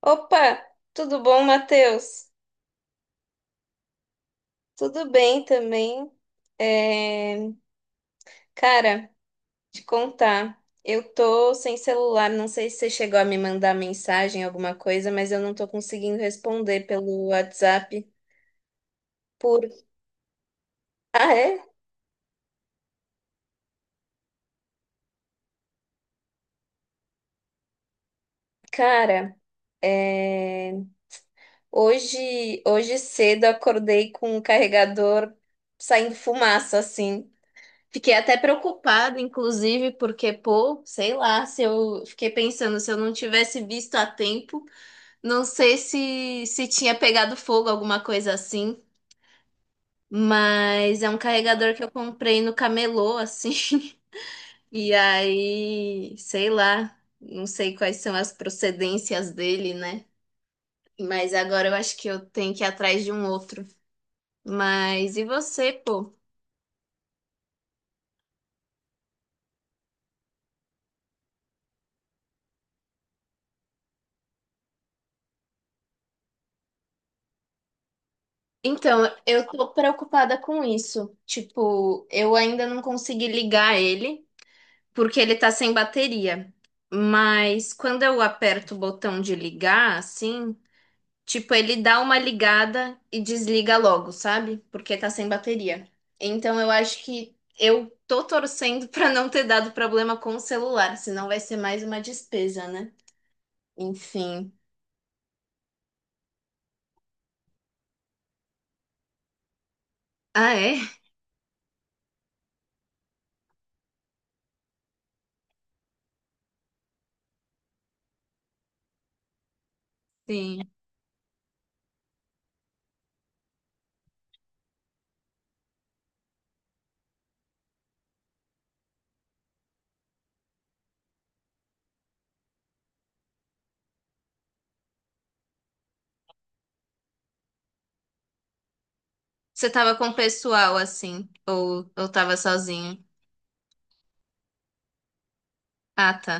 Opa, tudo bom, Matheus? Tudo bem também. É, cara, te contar, eu tô sem celular, não sei se você chegou a me mandar mensagem, alguma coisa, mas eu não tô conseguindo responder pelo WhatsApp. Por... Ah, é? Cara, é, hoje cedo eu acordei com o carregador saindo fumaça, assim. Fiquei até preocupada, inclusive, porque, pô, sei lá, se eu fiquei pensando, se eu não tivesse visto a tempo, não sei se tinha pegado fogo, alguma coisa assim. Mas é um carregador que eu comprei no camelô, assim. E aí, sei lá, não sei quais são as procedências dele, né? Mas agora eu acho que eu tenho que ir atrás de um outro. Mas e você, pô? Então, eu tô preocupada com isso. Tipo, eu ainda não consegui ligar ele, porque ele tá sem bateria. Mas quando eu aperto o botão de ligar, assim, tipo, ele dá uma ligada e desliga logo, sabe? Porque tá sem bateria. Então, eu acho que eu tô torcendo pra não ter dado problema com o celular, senão vai ser mais uma despesa, né? Enfim. Ah, é? Sim. Você tava com o pessoal, assim, ou tava sozinho? Ah, tá.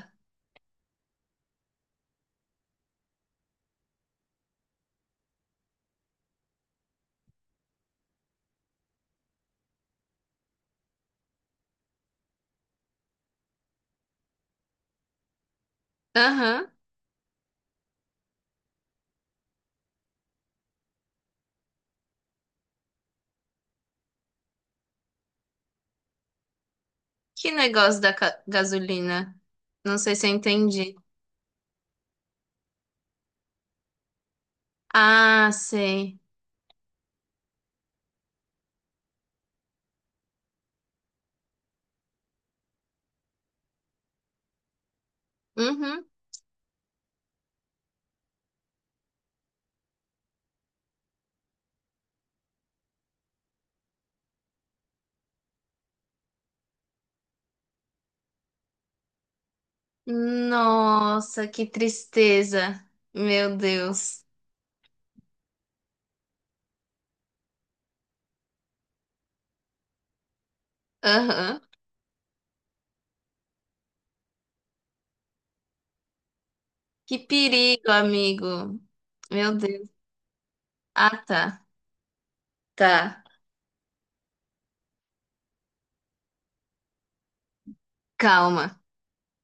Aham. Que negócio da gasolina? Não sei se eu entendi. Ah, sei. Uhum. Nossa, que tristeza. Meu Deus. Aham. Que perigo, amigo. Meu Deus. Ah, tá. Tá. Calma.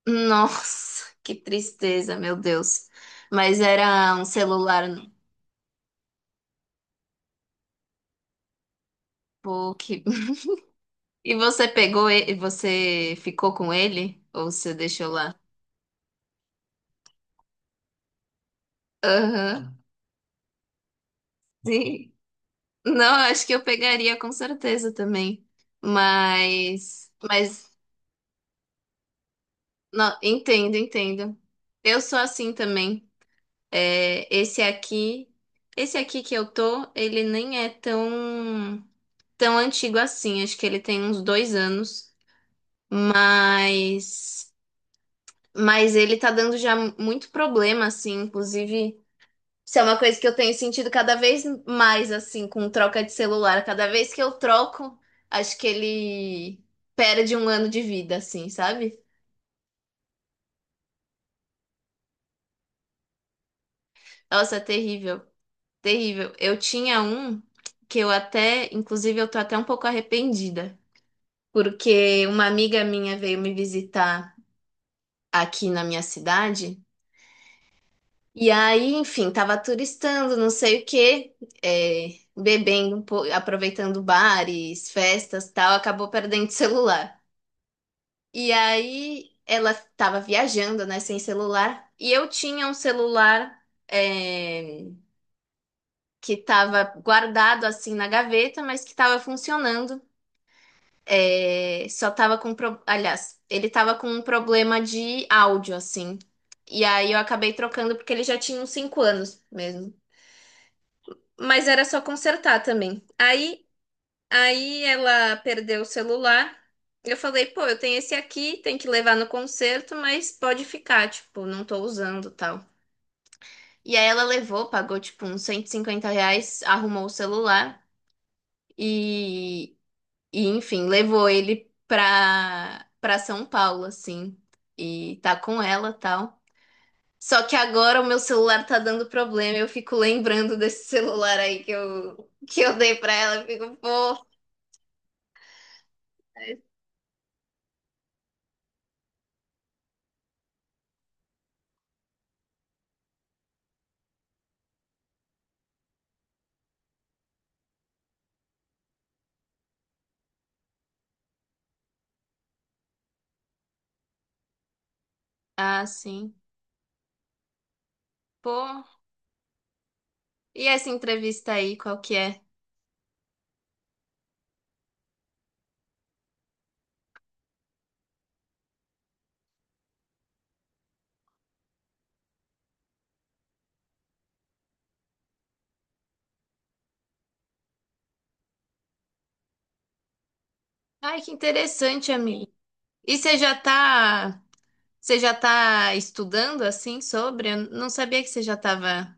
Nossa, que tristeza, meu Deus. Mas era um celular. No poke. E você pegou ele? Você ficou com ele? Ou você deixou lá? Aham. Sim. Não, acho que eu pegaria com certeza também. Mas, mas, não, entendo, entendo. Eu sou assim também. É, esse aqui que eu tô, ele nem é tão, tão antigo assim. Acho que ele tem uns 2 anos. Mas, mas ele tá dando já muito problema, assim. Inclusive. Isso é uma coisa que eu tenho sentido cada vez mais, assim, com troca de celular. Cada vez que eu troco, acho que ele perde um ano de vida, assim, sabe? Nossa, é terrível, terrível. Eu tinha um que eu até, inclusive, eu tô até um pouco arrependida, porque uma amiga minha veio me visitar aqui na minha cidade, e aí, enfim, tava turistando, não sei o quê, é, bebendo um pouco, aproveitando bares, festas, tal, acabou perdendo o celular. E aí ela estava viajando, né, sem celular. E eu tinha um celular é, que estava guardado assim na gaveta, mas que estava funcionando. É, só estava com, aliás, ele estava com um problema de áudio assim. E aí eu acabei trocando porque ele já tinha uns 5 anos mesmo. Mas era só consertar também. Aí ela perdeu o celular. Eu falei, pô, eu tenho esse aqui, tem que levar no concerto, mas pode ficar, tipo, não tô usando tal. E aí ela levou, pagou, tipo, uns R$ 150, arrumou o celular e, e enfim, levou ele pra São Paulo, assim. E tá com ela, tal. Só que agora o meu celular tá dando problema, eu fico lembrando desse celular aí que eu dei pra ela, eu fico, pô. Ah, sim. Pô, e essa entrevista aí, qual que é? Ai, que interessante, amigo. E você já você já tá estudando assim sobre? Eu não sabia que você já tava.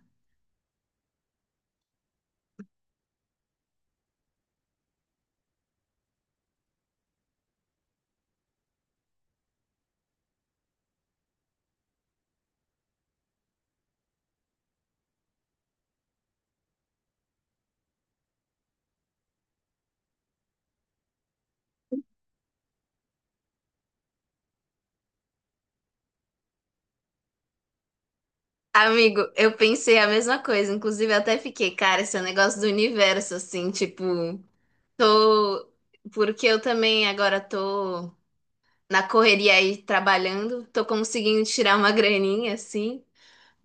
Amigo, eu pensei a mesma coisa. Inclusive, eu até fiquei, cara, esse é um negócio do universo, assim, tipo, tô. Porque eu também agora tô na correria aí trabalhando, tô conseguindo tirar uma graninha, assim,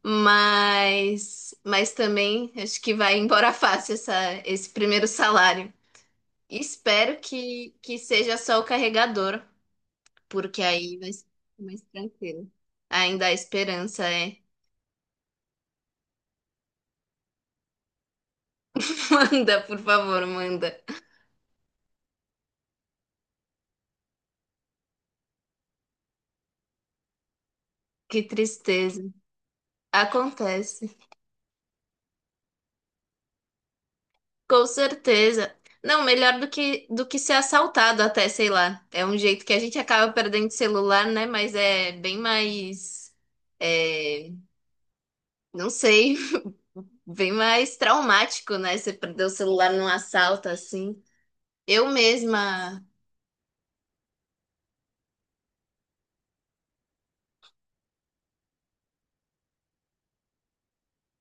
mas. Mas também acho que vai embora fácil essa, esse primeiro salário. Espero que seja só o carregador, porque aí vai ser mais tranquilo. Ainda há esperança, é. Manda, por favor, manda. Que tristeza. Acontece. Com certeza. Não, melhor do que ser assaltado até, sei lá. É um jeito que a gente acaba perdendo celular, né? Mas é bem mais, é, não sei, bem mais traumático, né? Você perder o celular num assalto assim. Eu mesma.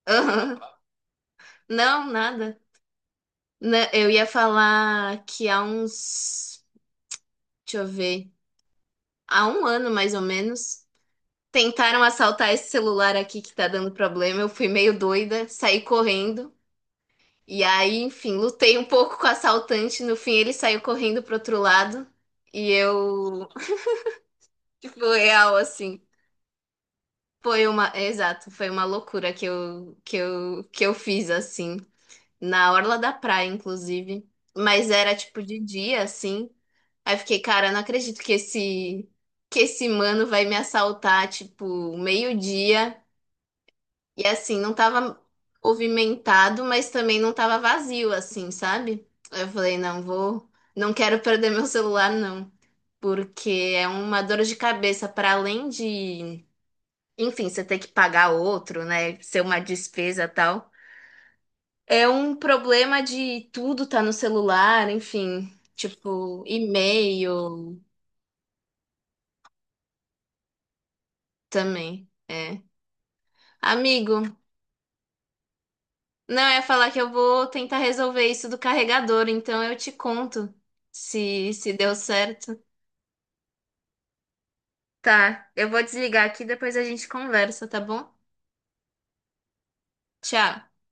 Não, nada. Né, eu ia falar que há uns, deixa eu ver, há um ano mais ou menos, tentaram assaltar esse celular aqui que tá dando problema. Eu fui meio doida, saí correndo. E aí, enfim, lutei um pouco com o assaltante. No fim, ele saiu correndo pro outro lado. E eu, foi real, assim. Foi uma, é, exato, foi uma loucura que eu fiz, assim, na orla da praia, inclusive. Mas era tipo de dia, assim. Aí eu fiquei, cara, eu não acredito que esse mano vai me assaltar, tipo, meio-dia. E assim, não tava movimentado, mas também não tava vazio, assim, sabe? Aí eu falei, não, vou, não quero perder meu celular, não. Porque é uma dor de cabeça, para além de, enfim, você ter que pagar outro, né? Ser uma despesa e tal. É um problema de tudo tá no celular, enfim, tipo, e-mail também. É. Amigo, não, eu ia falar que eu vou tentar resolver isso do carregador, então eu te conto se deu certo. Tá, eu vou desligar aqui, depois a gente conversa, tá bom? Tchau.